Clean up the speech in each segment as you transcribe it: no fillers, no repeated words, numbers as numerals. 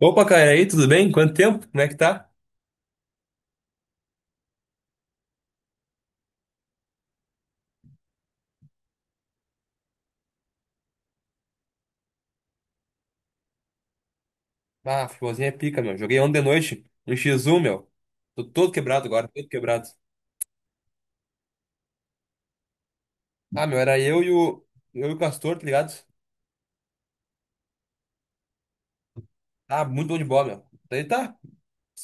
Opa, cara, e aí, tudo bem? Quanto tempo? Como é que tá? Ah, futebolzinho é pica, meu. Joguei ontem de noite no X1, meu. Tô todo quebrado agora, todo quebrado. Ah, meu, era eu e o Castor, tá ligado? Ah, muito bom de bola, meu. Daí tá,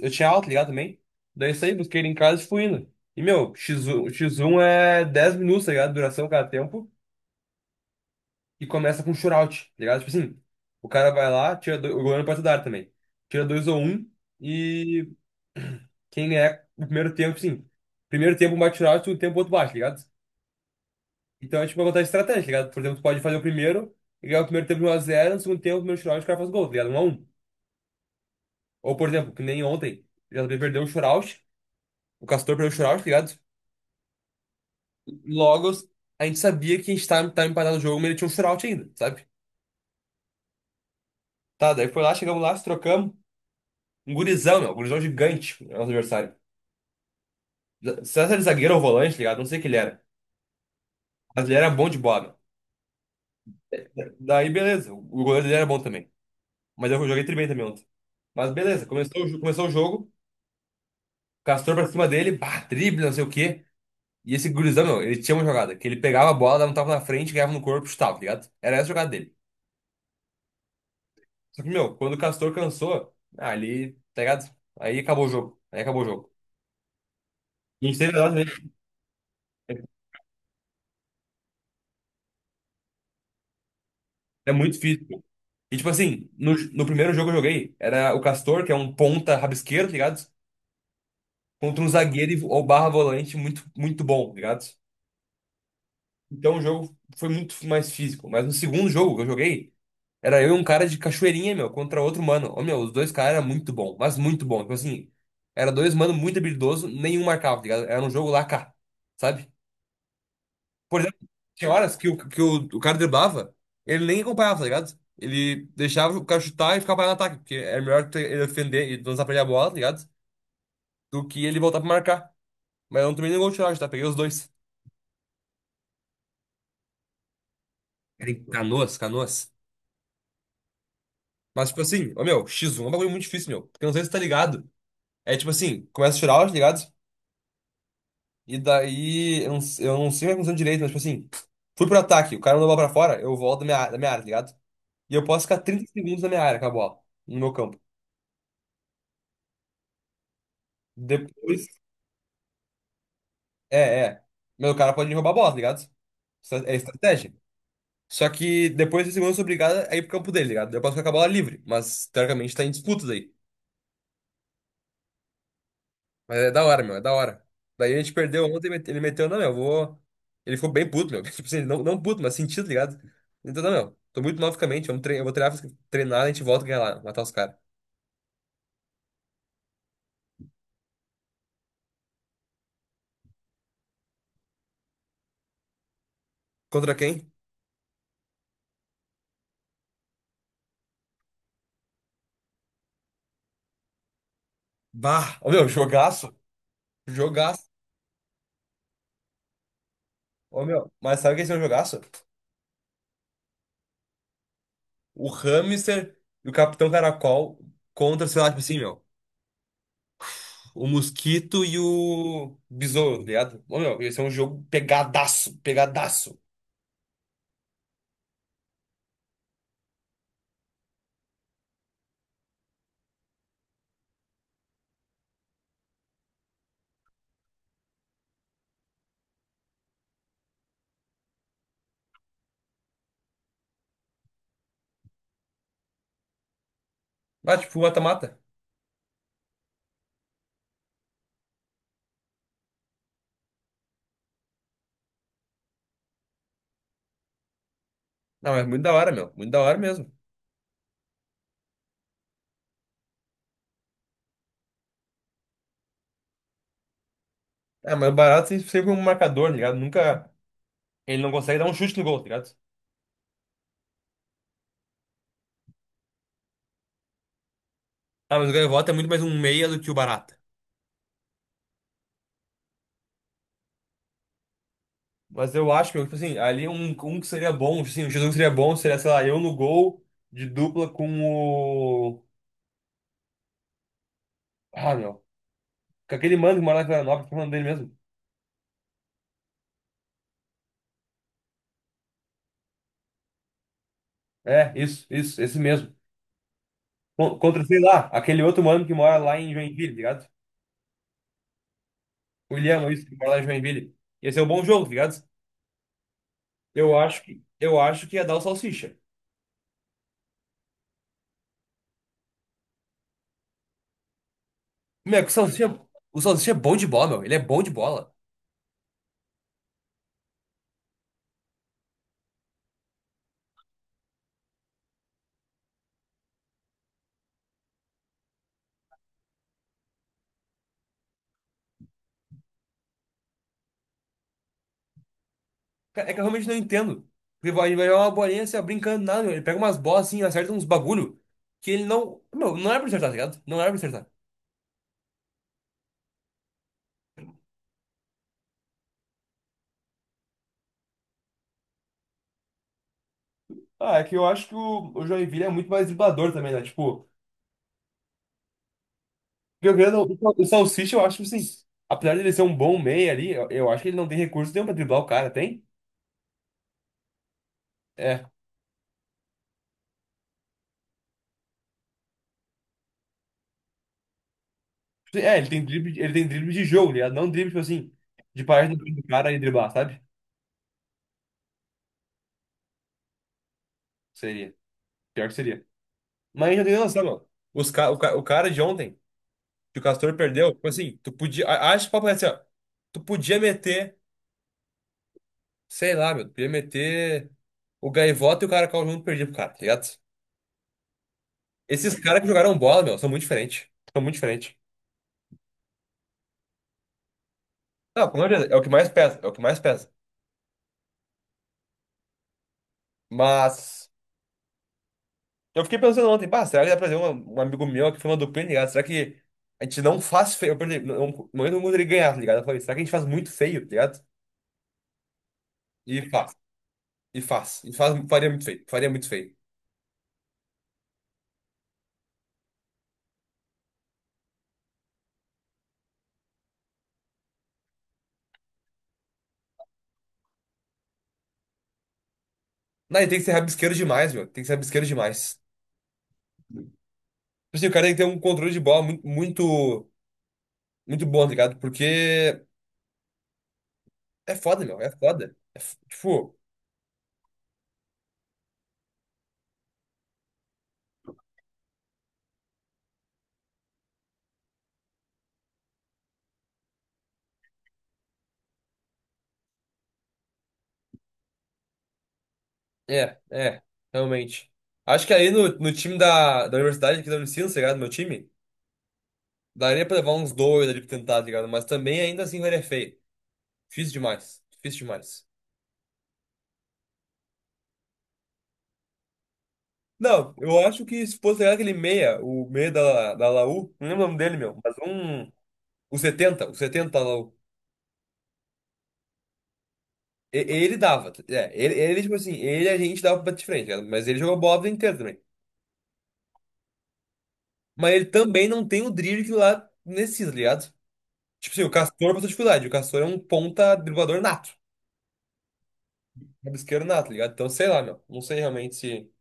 eu tinha aula, tá ligado, também. Daí saí, busquei ele em casa e fui indo. E, meu, X1, o X1 é 10 minutos, tá ligado? Duração cada tempo. E começa com shootout, tá ligado? Tipo assim, o cara vai lá, tira dois, o goleiro pode dar também. Tira dois ou um, quem ganhar o primeiro tempo, sim. Primeiro tempo um bate final, segundo tempo outro bate, tá ligado? Então é tipo uma vantagem estratégica, tá ligado? Por exemplo, tu pode fazer o primeiro e ganhar o primeiro tempo de 1x0, no segundo tempo, no primeiro shootout, o cara faz gol, tá ligado? 1-1. Ou, por exemplo, que nem ontem, o JB perdeu o shootout, o Castor perdeu o shootout, tá ligado? Logo, a gente sabia que a gente tava empatado no jogo, mas ele tinha um shootout ainda, sabe? Tá, daí foi lá, chegamos lá, se trocamos. Um gurizão, meu, um gurizão gigante, nosso adversário. Será que era zagueiro ou volante, tá ligado? Não sei o que ele era. Mas ele era bom de bola, meu. Daí, beleza. O goleiro dele era bom também. Mas eu joguei tri bem também ontem. Mas beleza, começou o jogo. Castor pra cima dele, bah, drible, não sei o quê. E esse gurizão, meu, ele tinha uma jogada, que ele pegava a bola, dava um tapa na frente, ganhava no corpo e chutava, tá ligado? Era essa a jogada dele. Só que, meu, quando o Castor cansou, ah, ali, tá ligado? Aí acabou o jogo. Aí acabou o jogo. E a gente teve nós, né? É é muito difícil, pô. E tipo assim, no primeiro jogo que eu joguei, era o Castor, que é um ponta rabisqueiro, tá ligado? Contra um zagueiro ou barra volante muito, muito bom, tá ligado? Então o jogo foi muito mais físico. Mas no segundo jogo que eu joguei, era eu e um cara de cachoeirinha, meu, contra outro mano. Ô, meu, os dois caras eram muito bom, mas muito bom. Tipo assim, era dois mano muito habilidoso, nenhum marcava, tá ligado? Era um jogo lá cá, sabe? Por exemplo, tinha horas que o cara driblava, ele nem acompanhava, tá ligado? Ele deixava o cara chutar e ficava parado no ataque, porque era melhor ele ofender e lançar pra ele a bola, tá ligado? Do que ele voltar pra marcar. Mas eu não tomei nenhum gol de tiragem, tá? Peguei os dois. Era em Canoas, Canoas. Mas, tipo assim, ô, meu, X1 é um bagulho muito difícil, meu. Porque eu não sei se tá ligado. É tipo assim, começa a tirar, aula, tá ligado? E daí, eu não sei o que aconteceu direito, mas tipo assim, fui pro ataque, o cara mandou a bola pra fora, eu volto da minha área, tá ligado? E eu posso ficar 30 segundos na minha área com a bola, no meu campo. Depois, é, é. Meu, o cara pode me roubar a bola, tá ligado? É estratégia. Só que depois de segundos eu sou obrigado a ir pro campo dele, tá ligado? Eu posso ficar com a bola livre, mas teoricamente tá em disputa daí. Mas é da hora, meu, é da hora. Daí a gente perdeu ontem, ele meteu, não, meu, eu vou. Ele ficou bem puto, meu. Tipo assim, não, não puto, mas sentido, tá ligado? Então, não, meu, tô muito mal fisicamente, vamos treinar, eu vou treinar, a gente volta a ganhar lá, matar os caras. Contra quem? Bah! Ô, meu, jogaço! Jogaço! Ô, meu, mas sabe quem é um jogaço? O Hamster e o Capitão Caracol contra, sei lá, tipo assim, meu, o Mosquito e o Besouro, tá ligado? Ô, meu, esse é um jogo pegadaço, pegadaço. Ah, tipo, mata-mata. Não, é muito da hora, meu, muito da hora mesmo. Ah, mas o Baraldo sempre sempre é um marcador, tá ligado? Nunca. Ele não consegue dar um chute no gol, tá ligado? Ah, mas o Gaivota é muito mais um meia do que o Barata. Mas eu acho que, tipo assim, ali um que seria bom, tipo assim, um Jesus que seria bom seria, sei lá, eu no gol de dupla com o. Ah, meu. Com aquele mano que mora lá em Florianópolis, que é o nome dele mesmo. É, isso, esse mesmo. Contra, sei lá, aquele outro mano que mora lá em Joinville, tá ligado? O William, isso, que mora lá em Joinville. Ia ser um bom jogo, tá ligado? Eu acho que ia dar o Salsicha. Meu, o Salsicha é bom de bola, meu. Ele é bom de bola. Cara, é que eu realmente não entendo. Porque vai jogar uma bolinha assim, ó, brincando, nada, meu. Ele pega umas bolas assim, acerta uns bagulho que ele não. Meu, não era pra acertar, tá ligado? Não era pra acertar. Ah, é que eu acho que o Joinville é muito mais driblador também, né? Tipo, porque o Grêmio- o Salsicha, eu acho assim, apesar de ele ser um bom meia ali, eu acho que ele não tem recurso nenhum pra driblar o cara, tem? É. É, ele tem drible de jogo, tá ligado? Não drible, tipo assim, de parar no do cara e driblar, sabe? Seria. Pior que seria. Mas não tem noção, meu. Os ca... o, ca... o cara de ontem, que o Castor perdeu, tipo assim. Acho que o papo é assim, ó. Tu podia meter, sei lá, meu, tu podia meter o Gaivota e o cara que junto perdido pro cara, tá ligado? Esses caras que jogaram bola, meu, são muito diferentes. São muito diferentes. Não, com certeza, é o que mais pesa, é o que mais pesa. Mas eu fiquei pensando ontem, pá, será que dá pra trazer um amigo meu que foi uma dupla, ligado? Será que a gente não faz feio? Eu perdi, não, não, não entra no ele ganhar, tá ligado? Eu falei, será que a gente faz muito feio, tá ligado? E faz, faria muito feio, faria muito feio. Não, e tem que ser rabisqueiro demais, meu. Tem que ser rabisqueiro demais. Tipo assim, o cara tem que ter um controle de bola muito, muito, muito bom, tá ligado? Porque é foda, meu. É foda. Tipo, é, é, realmente. Acho que aí no time da universidade aqui da Unicinos, tá ligado? Meu time, daria pra levar uns dois ali pra tentar, tá ligado? Mas também ainda assim vai é feio. Difícil demais. Difícil demais. Não, eu acho que se fosse tá ligado, aquele meia, o meia da Laú, não lembro o nome dele, meu, mas um. O 70 o 70 lá. Ele dava. É, ele, tipo assim, ele a gente dava pra bater de frente, né? Mas ele jogou bola a vida inteira também. Mas ele também não tem o drible que lá necessita, tá ligado? Tipo assim, o Castor passou dificuldade. O Castor é um ponta driblador nato. Rabisqueiro nato, tá ligado? Então, sei lá, meu. Não sei realmente se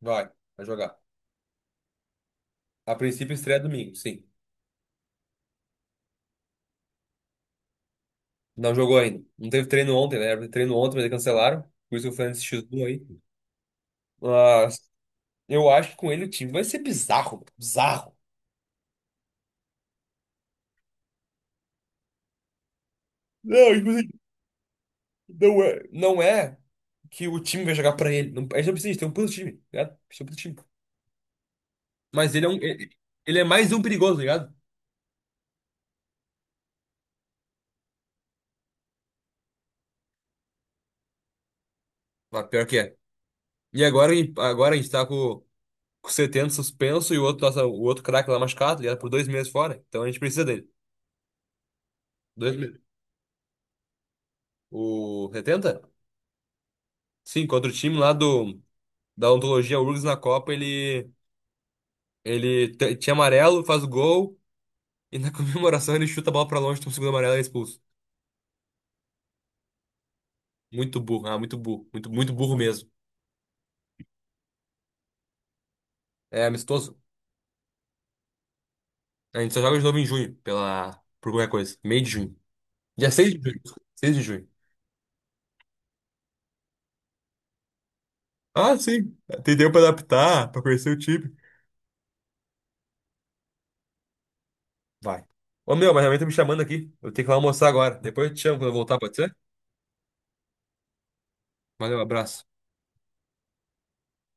vai, vai jogar. A princípio estreia domingo, sim. Não jogou ainda. Não teve treino ontem, né? Era pra ter treino ontem, mas eles cancelaram. Por isso que o Fernandes x um aí. Mas eu acho que com ele o time vai ser bizarro, mano. Bizarro. Não, tipo assim, não é que o time vai jogar pra ele. Não, a gente não precisa disso, tem um puto time, tá ligado? A gente tem um puto time. Mas ele é um. Ele é mais um perigoso, tá ligado? Mas pior que é. E agora, agora a gente tá com o Seteno suspenso e o outro, nossa, o outro craque lá machucado, tá ligado? Por 2 meses fora. Então a gente precisa dele. 2 meses. O setenta. Sim, contra o time lá do, da ontologia URGS na Copa, ele, tinha amarelo, faz o gol e na comemoração ele chuta a bola pra longe, toma o segundo amarelo e é expulso. Muito burro, ah, muito burro, muito, muito burro mesmo. É amistoso. A gente só joga de novo em junho, por qualquer coisa. Meio de junho. Dia 6 de junho. 6 de junho. Ah, sim. Tem tempo pra adaptar, pra conhecer o time. Vai. Ô, meu, mas realmente tá me chamando aqui. Eu tenho que ir lá almoçar agora. Depois eu te chamo quando eu voltar, pode ser? Valeu, abraço.